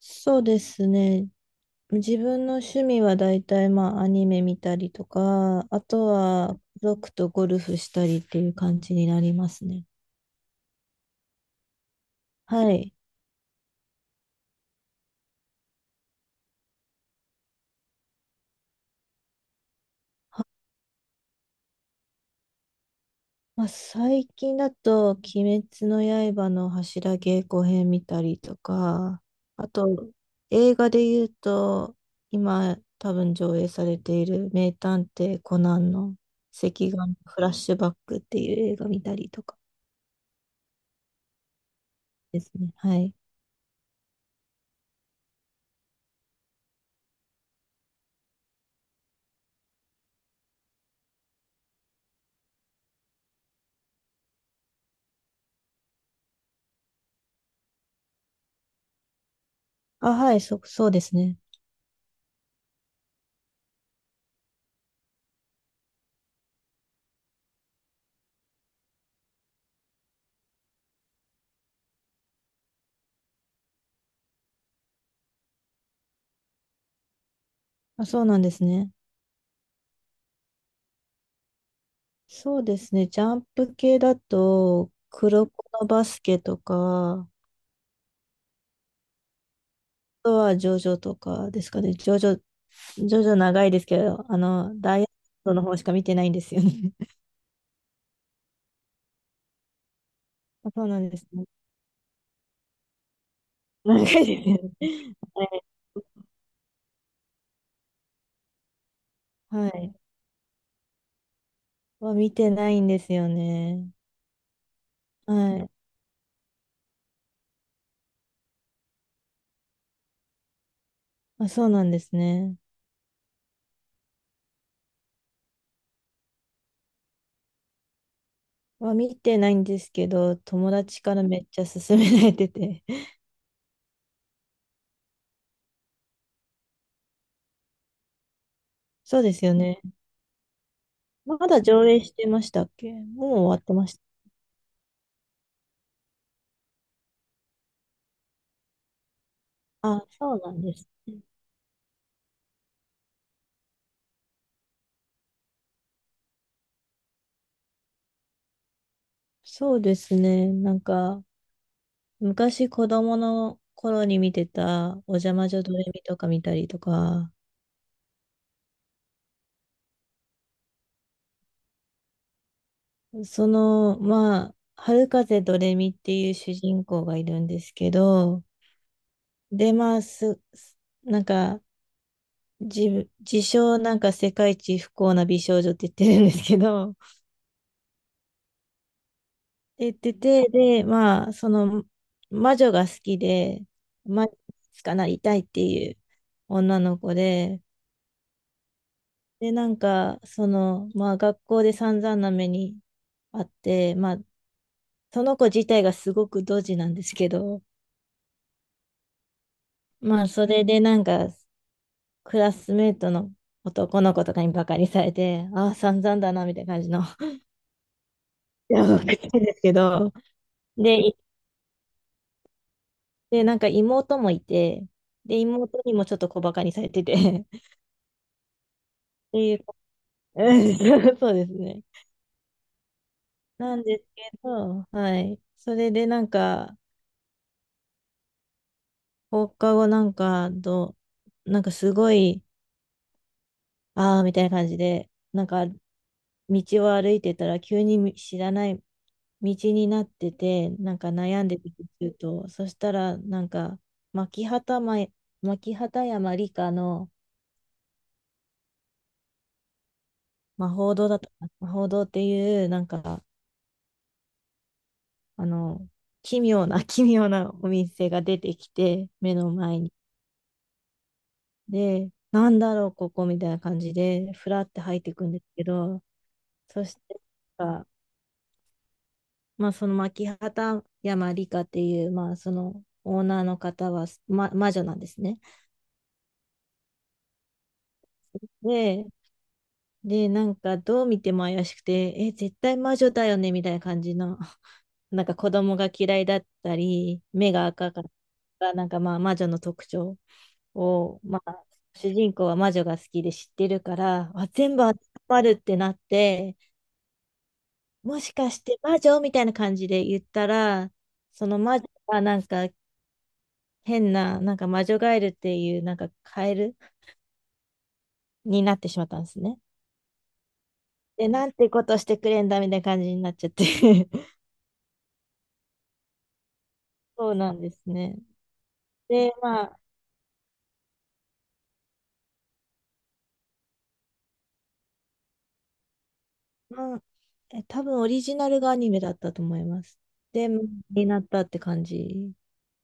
そうですね。自分の趣味は大体まあアニメ見たりとか、あとは家族とゴルフしたりっていう感じになりますね。はい。まあ、最近だと「鬼滅の刃」の柱稽古編見たりとか、あと映画で言うと今多分上映されている「名探偵コナン」の「赤眼フラッシュバック」っていう映画見たりとかですね。はい。あ、はい、そうですね。あ、そうなんですね。そうですね。ジャンプ系だと、黒子のバスケとか、あとはジョジョとかですかね。ジョジョ長いですけど、あの、ダイヤモンドの方しか見てないんですよね。あ、そうなんですね。長いですよね。はい。はい。は見てないんですよね。はい。あ、そうなんですね。は見てないんですけど、友達からめっちゃ勧められてて。そうですよね。まだ上映してましたっけ？もう終わってました。あ、そうなんですね。そうですね。なんか、昔子供の頃に見てた、おじゃまじょドレミとか見たりとか、その、まあ、春風ドレミっていう主人公がいるんですけど、で、まあ、なんか、自自称なんか世界一不幸な美少女って言ってるんですけど、って言ってて、で、まあ、その、魔女が好きで、魔女になりたいっていう女の子で、で、なんか、その、まあ学校で散々な目にあって、まあ、その子自体がすごくドジなんですけど、まあそれでなんか、クラスメートの男の子とかにバカにされて、ああ、散々だな、みたいな感じの、やばくてですけど、で、いで、なんか妹もいて、で、妹にもちょっと小バカにされてて、っていう、うん そうですね。なんですけど、はい。それでなんか、放課後なんか、なんかすごい、ああ、みたいな感じで、なんか、道を歩いてたら、急に知らない道になってて、なんか悩んでてると、そしたら、なんか、牧畑前、牧畑山理科の魔法堂だったかな、魔法堂っていう、なんか、あの、奇妙な、奇妙なお店が出てきて、目の前に。で、なんだろう、ここみたいな感じで、ふらって入ってくんですけど、そしてあその牧畑山里香っていう、まあ、そのオーナーの方は、ま、魔女なんですね。で、で、なんかどう見ても怪しくて、え、絶対魔女だよねみたいな感じの、なんか子供が嫌いだったり、目が赤かったりなんかまあ魔女の特徴を、まあ、主人公は魔女が好きで知ってるから、あ、全部当てはまるってなって、もしかして魔女みたいな感じで言ったら、その魔女がなんか変な、なんか魔女ガエルっていう、なんかカエルになってしまったんですね。で、なんてことしてくれんだみたいな感じになっちゃって そうなんですね。で、まあ、まあ、多分オリジナルがアニメだったと思います。で、漫画になったって感じ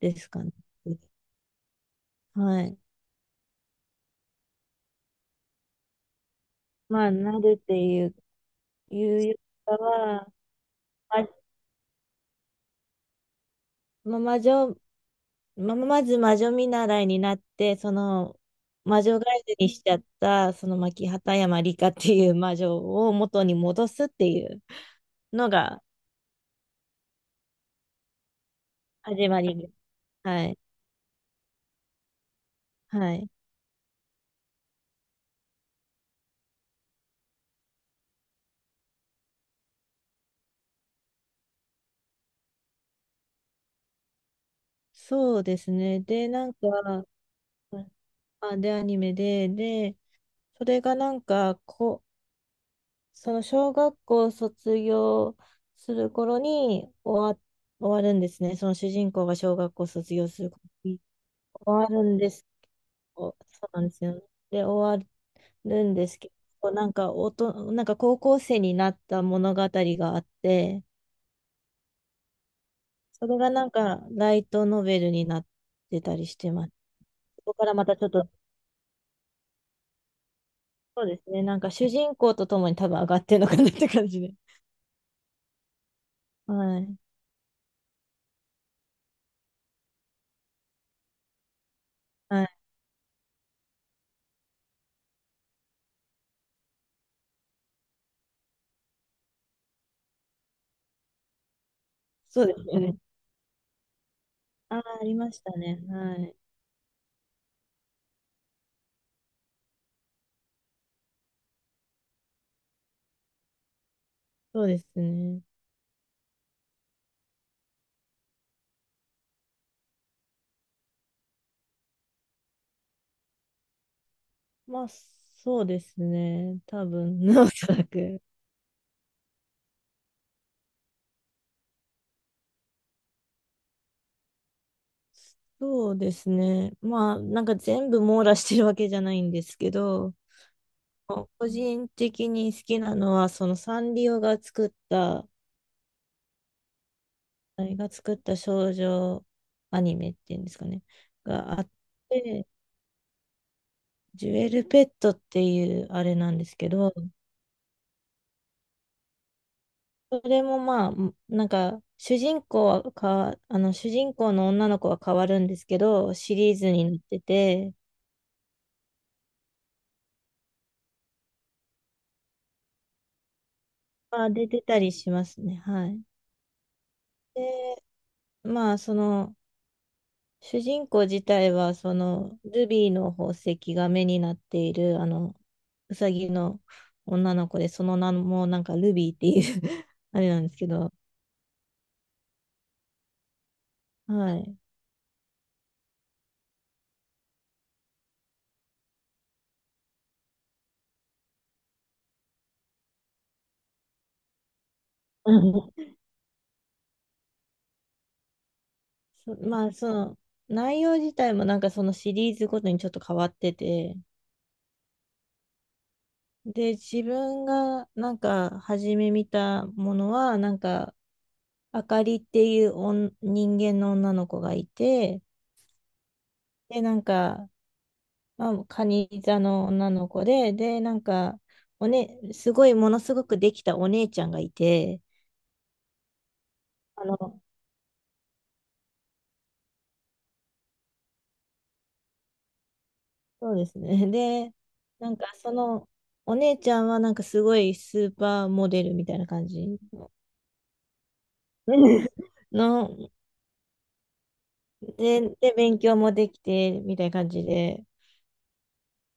ですかね。はい。まあ、なるっていうよりかは、まま魔女ま、まず魔女見習いになって、その魔女ガイドにしちゃった、その牧畑山里香っていう魔女を元に戻すっていうのが始まりです。はい。はい。そうですね。で、なんか、あ、で、アニメで、それがなんか、その小学校卒業する頃に終わるんですね。その主人公が小学校卒業する頃に終わるんです。そうなんですよ。で、終わるんですけど、なんかなんか高校生になった物語があって、それがなんかライトノベルになってたりしてます。そこからまたちょっと、そうですね、なんか主人公とともに多分上がってるのかなって感じで。はい。はい。そうですよね。ああ、ありましたね。はい。そうですね。まあ、そうですね。多分、おそらく。そうですね。まあ、なんか全部網羅してるわけじゃないんですけど、個人的に好きなのは、そのサンリオが作った、あれが作った少女アニメっていうんですかね、があって、ジュエルペットっていうあれなんですけど、それもまあ、なんか、主人公はあの、主人公の女の子は変わるんですけど、シリーズになってて、まあ、出てたりしますね。はい。で、まあ、その、主人公自体は、その、ルビーの宝石が目になっている、あの、うさぎの女の子で、その名もなんかルビーっていう あれなんですけど、はい。うんそまあ、その、内容自体もなんかそのシリーズごとにちょっと変わってて、で、自分がなんか初め見たものは、なんか、あかりっていう人間の女の子がいて、で、なんか、まあ、カニ座の女の子で、なんか、おね、すごい、ものすごくできたお姉ちゃんがいて、あの、そうですね。で、なんか、その、お姉ちゃんは、なんか、すごいスーパーモデルみたいな感じの、ので、で、勉強もできて、みたいな感じで、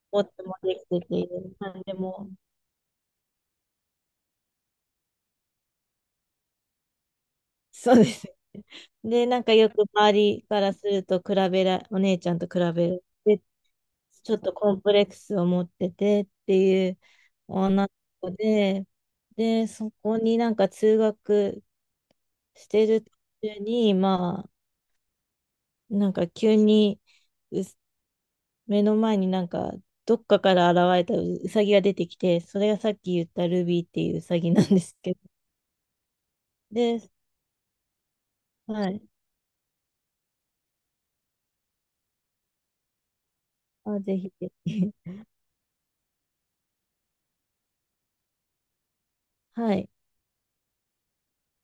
スポーツもできてて、なんでも、そうですね。で、なんかよく周りからすると比べら、お姉ちゃんと比べてちょっとコンプレックスを持っててっていう女の子で、で、そこになんか通学してる途中に、まあ、なんか急にうす目の前になんかどっかから現れたうさぎが出てきて、それがさっき言ったルビーっていううさぎなんですけど、で、はい。あ、ぜひぜひ。はい。